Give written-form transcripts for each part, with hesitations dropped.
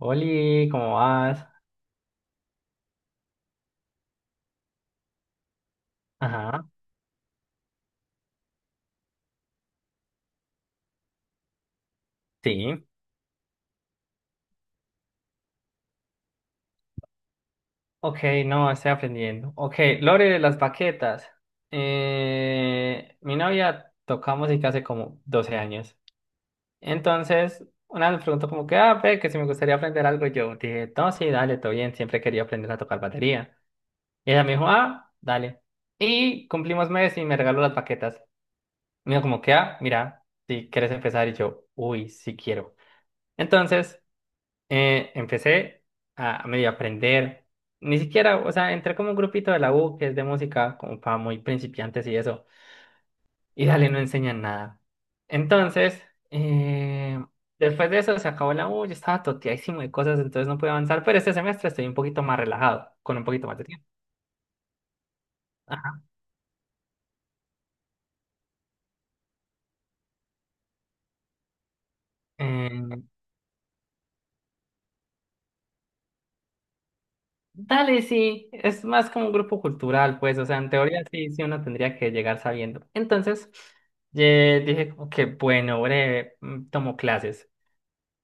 Oli, ¿cómo vas? Ajá. Sí. Ok, no, estoy aprendiendo. Ok. Lore de las baquetas. Mi novia toca música hace como 12 años. Entonces, una vez me preguntó como que, ah, ve, que si me gustaría aprender algo, y yo dije, no, sí, dale, todo bien, siempre quería aprender a tocar batería. Y ella me dijo, ah, dale. Y cumplimos mes y me regaló las baquetas. Me dijo como que, ah, mira, si quieres empezar. Y yo, uy, sí quiero. Entonces. Empecé a medio aprender, ni siquiera, o sea, entré como un grupito de la U que es de música, como para muy principiantes y eso, y dale, no enseñan nada. Entonces, eh, después de eso se acabó la U, yo estaba toteadísimo de cosas, entonces no pude avanzar, pero este semestre estoy un poquito más relajado, con un poquito más de tiempo. Ajá. Eh, Dale, sí, es más como un grupo cultural, pues, o sea, en teoría sí, sí uno tendría que llegar sabiendo. Entonces. Dije como que, bueno, breve, tomo clases.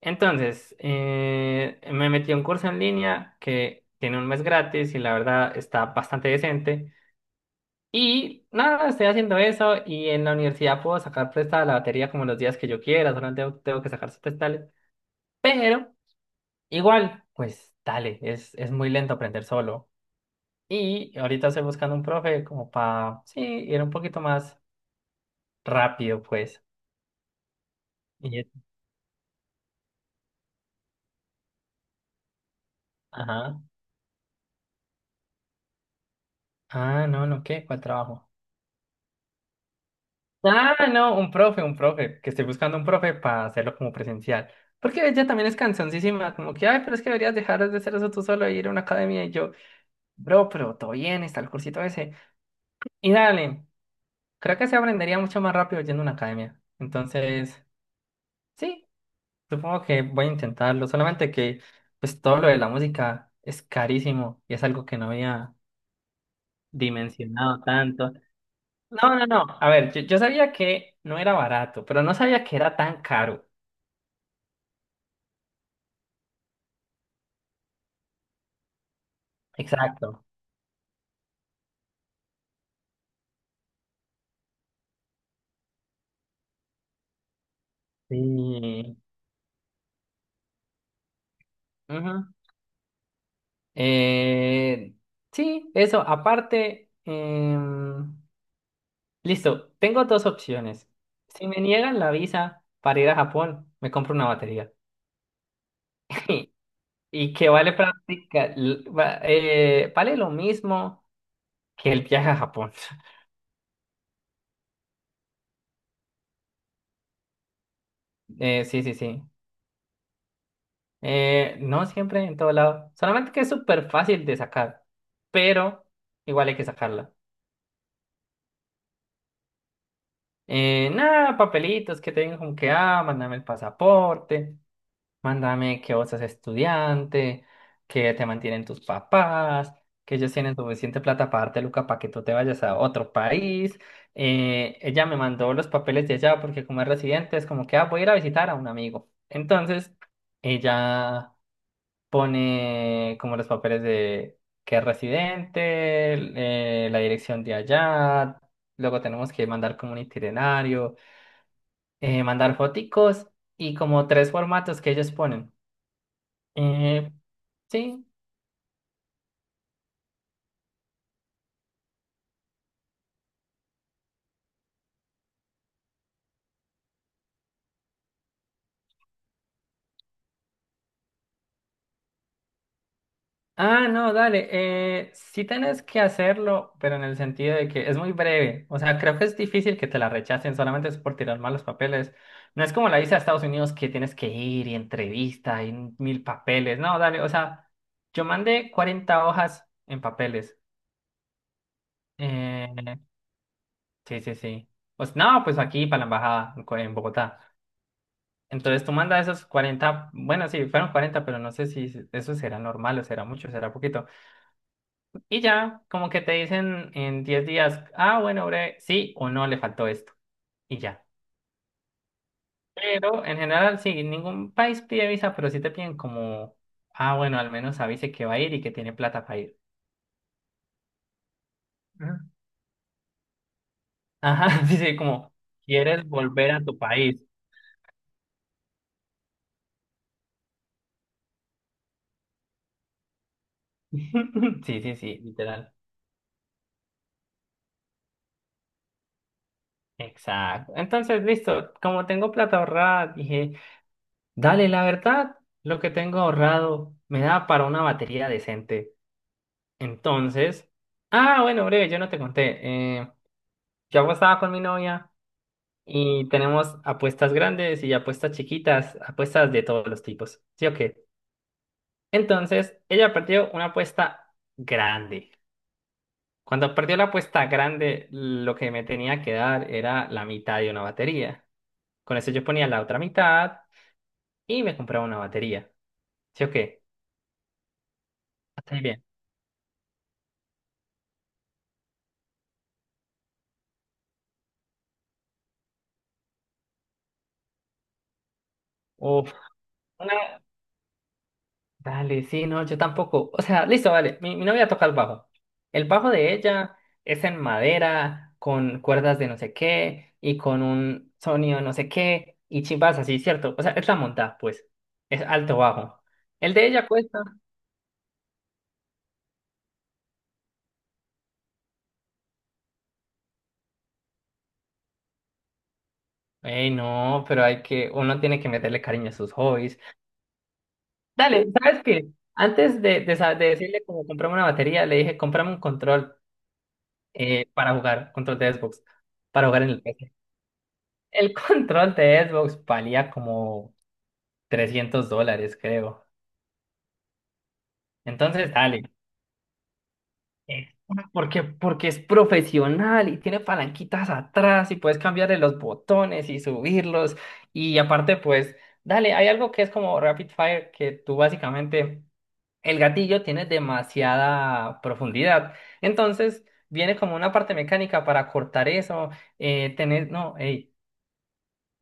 Entonces, me metí a un curso en línea que tiene un mes gratis y la verdad está bastante decente. Y nada, estoy haciendo eso y en la universidad puedo sacar prestada la batería como los días que yo quiera, solo tengo que sacar sus prestales. Pero igual, pues dale, es muy lento aprender solo. Y ahorita estoy buscando un profe como para, sí, ir un poquito más rápido, pues. Y, ajá. Ah, no, no, ¿qué? ¿Cuál trabajo? Ah, no, un profe, que estoy buscando un profe para hacerlo como presencial. Porque ella también es cansoncísima, como que, ay, pero es que deberías dejar de hacer eso tú solo e ir a una academia. Y yo, bro, pero todo bien, está el cursito ese. Y dale, creo que se aprendería mucho más rápido yendo a una academia. Entonces, sí, supongo que voy a intentarlo. Solamente que, pues todo lo de la música es carísimo y es algo que no había dimensionado tanto. No, no, no. A ver, yo sabía que no era barato, pero no sabía que era tan caro. Exacto. Sí. Ujú. Eh, sí, eso. Aparte, listo. Tengo dos opciones. Si me niegan la visa para ir a Japón, me compro una batería. Y que vale práctica, vale lo mismo que el viaje a Japón. Sí, sí, sí. No siempre en todo lado. Solamente que es súper fácil de sacar, pero igual hay que sacarla. Nada, papelitos que te digan como que, ah, mándame el pasaporte, mándame que vos sos estudiante, que te mantienen tus papás, que ellos tienen suficiente plata para darte Luca para que tú te vayas a otro país. Ella me mandó los papeles de allá porque como es residente es como que, ah, voy a ir a visitar a un amigo. Entonces, ella pone como los papeles de que es residente, la dirección de allá, luego tenemos que mandar como un itinerario, mandar foticos y como tres formatos que ellos ponen. Eh, sí. Ah, no, dale. Sí tenés que hacerlo, pero en el sentido de que es muy breve. O sea, creo que es difícil que te la rechacen, solamente es por tirar malos papeles. No es como la visa a Estados Unidos que tienes que ir y entrevista y mil papeles. No, dale. O sea, yo mandé 40 hojas en papeles. Eh, sí, sí, sí. Pues no, pues aquí para la embajada en Bogotá. Entonces tú mandas esos 40, bueno, sí, fueron 40, pero no sé si se- eso será normal o será mucho, será poquito. Y ya, como que te dicen en 10 días, ah, bueno, bre, sí o no, le faltó esto. Y ya. Pero en general, sí, ningún país pide visa, pero sí te piden como, ah, bueno, al menos avise que va a ir y que tiene plata para ir. Ujú. Ajá, sí, sí, como, ¿quieres volver a tu país? Sí, sí, sí, literal. Exacto. Entonces, listo, como tengo plata ahorrada, dije. Dale, la verdad, lo que tengo ahorrado me da para una batería decente. Entonces, ah, bueno, breve, yo no te conté. Yo apostaba con mi novia y tenemos apuestas grandes y apuestas chiquitas, apuestas de todos los tipos. ¿Sí o qué? Entonces, ella perdió una apuesta grande. Cuando perdió la apuesta grande, lo que me tenía que dar era la mitad de una batería. Con eso yo ponía la otra mitad y me compraba una batería. ¿Sí o qué? Hasta ahí bien. Uf. Una Dale, sí, no, yo tampoco. O sea, listo, vale. Mi novia toca el bajo. El bajo de ella es en madera, con cuerdas de no sé qué y con un sonido no sé qué y chimbas así, ¿cierto? O sea, es la montada, pues. Es alto bajo. El de ella cuesta. Ey, no, pero hay que, uno tiene que meterle cariño a sus hobbies. Dale, ¿sabes qué? Antes de decirle como comprame una batería, le dije, comprame un control, para jugar, control de Xbox, para jugar en el PC. El control de Xbox valía como $300, creo. Entonces, dale. eh, porque es profesional y tiene palanquitas atrás y puedes cambiarle los botones y subirlos. Y aparte, pues, dale, hay algo que es como Rapid Fire, que tú básicamente, el gatillo tiene demasiada profundidad. Entonces, viene como una parte mecánica para cortar eso. No, hey,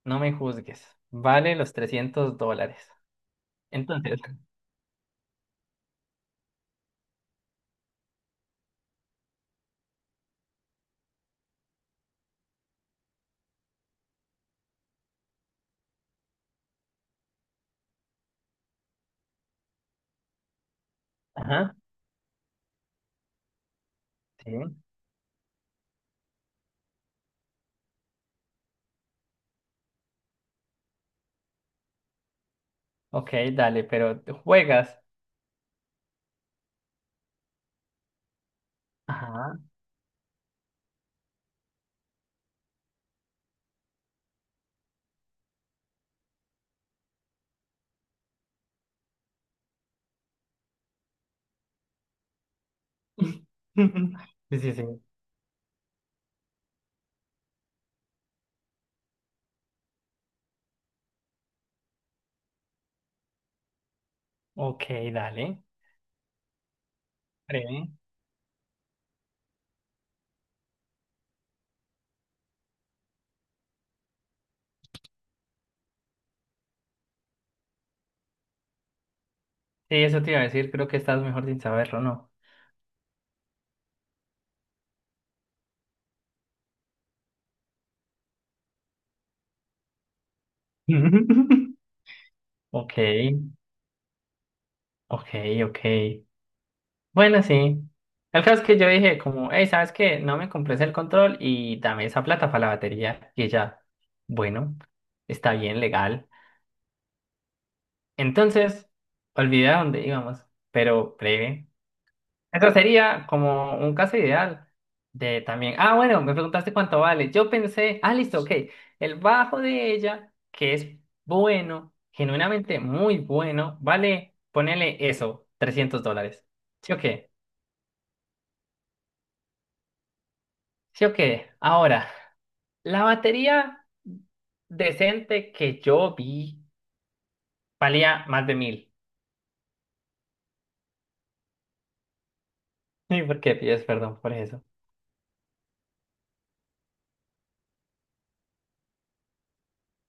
no me juzgues. Vale los $300. Entonces. Ajá, sí. Ok, dale, pero ¿te juegas? Ajá. Sí, sí, sí. Ok, dale. Breve. Sí, eso te iba a decir, creo que estás mejor sin saberlo, ¿no? Ok, ok, ok. Bueno, sí. El caso es que yo dije como, hey, ¿sabes qué? No me compres el control y dame esa plata para la batería. Y ella, bueno, está bien, legal. Entonces, olvidé a dónde íbamos, pero breve. Eso sería como un caso ideal de también. Ah, bueno, me preguntaste cuánto vale. Yo pensé, ah, listo, ok. El bajo de ella, que es bueno, genuinamente muy bueno, vale, ponele eso, $300. ¿Sí o qué? ¿Sí o qué? Ahora, la batería decente que yo vi valía más de 1.000. ¿Y por qué pides perdón por eso?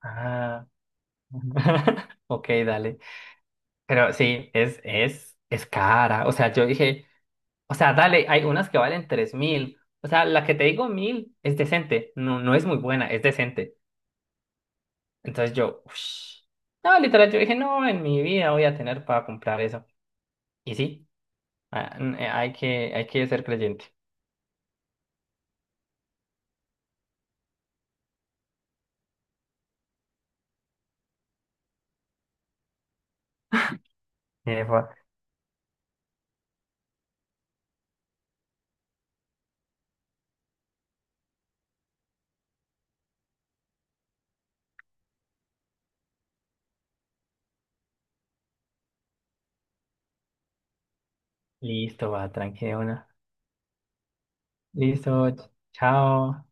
Ah, ok, dale. Pero sí, es cara. O sea, yo dije. O sea, dale, hay unas que valen 3.000. O sea, la que te digo 1.000 es decente. No, no es muy buena, es decente. Entonces yo, ush. No, literal, yo dije, no, en mi vida voy a tener para comprar eso. Y sí, hay que ser creyente. Y me fue. Listo, va, tranquila una. Listo, chao.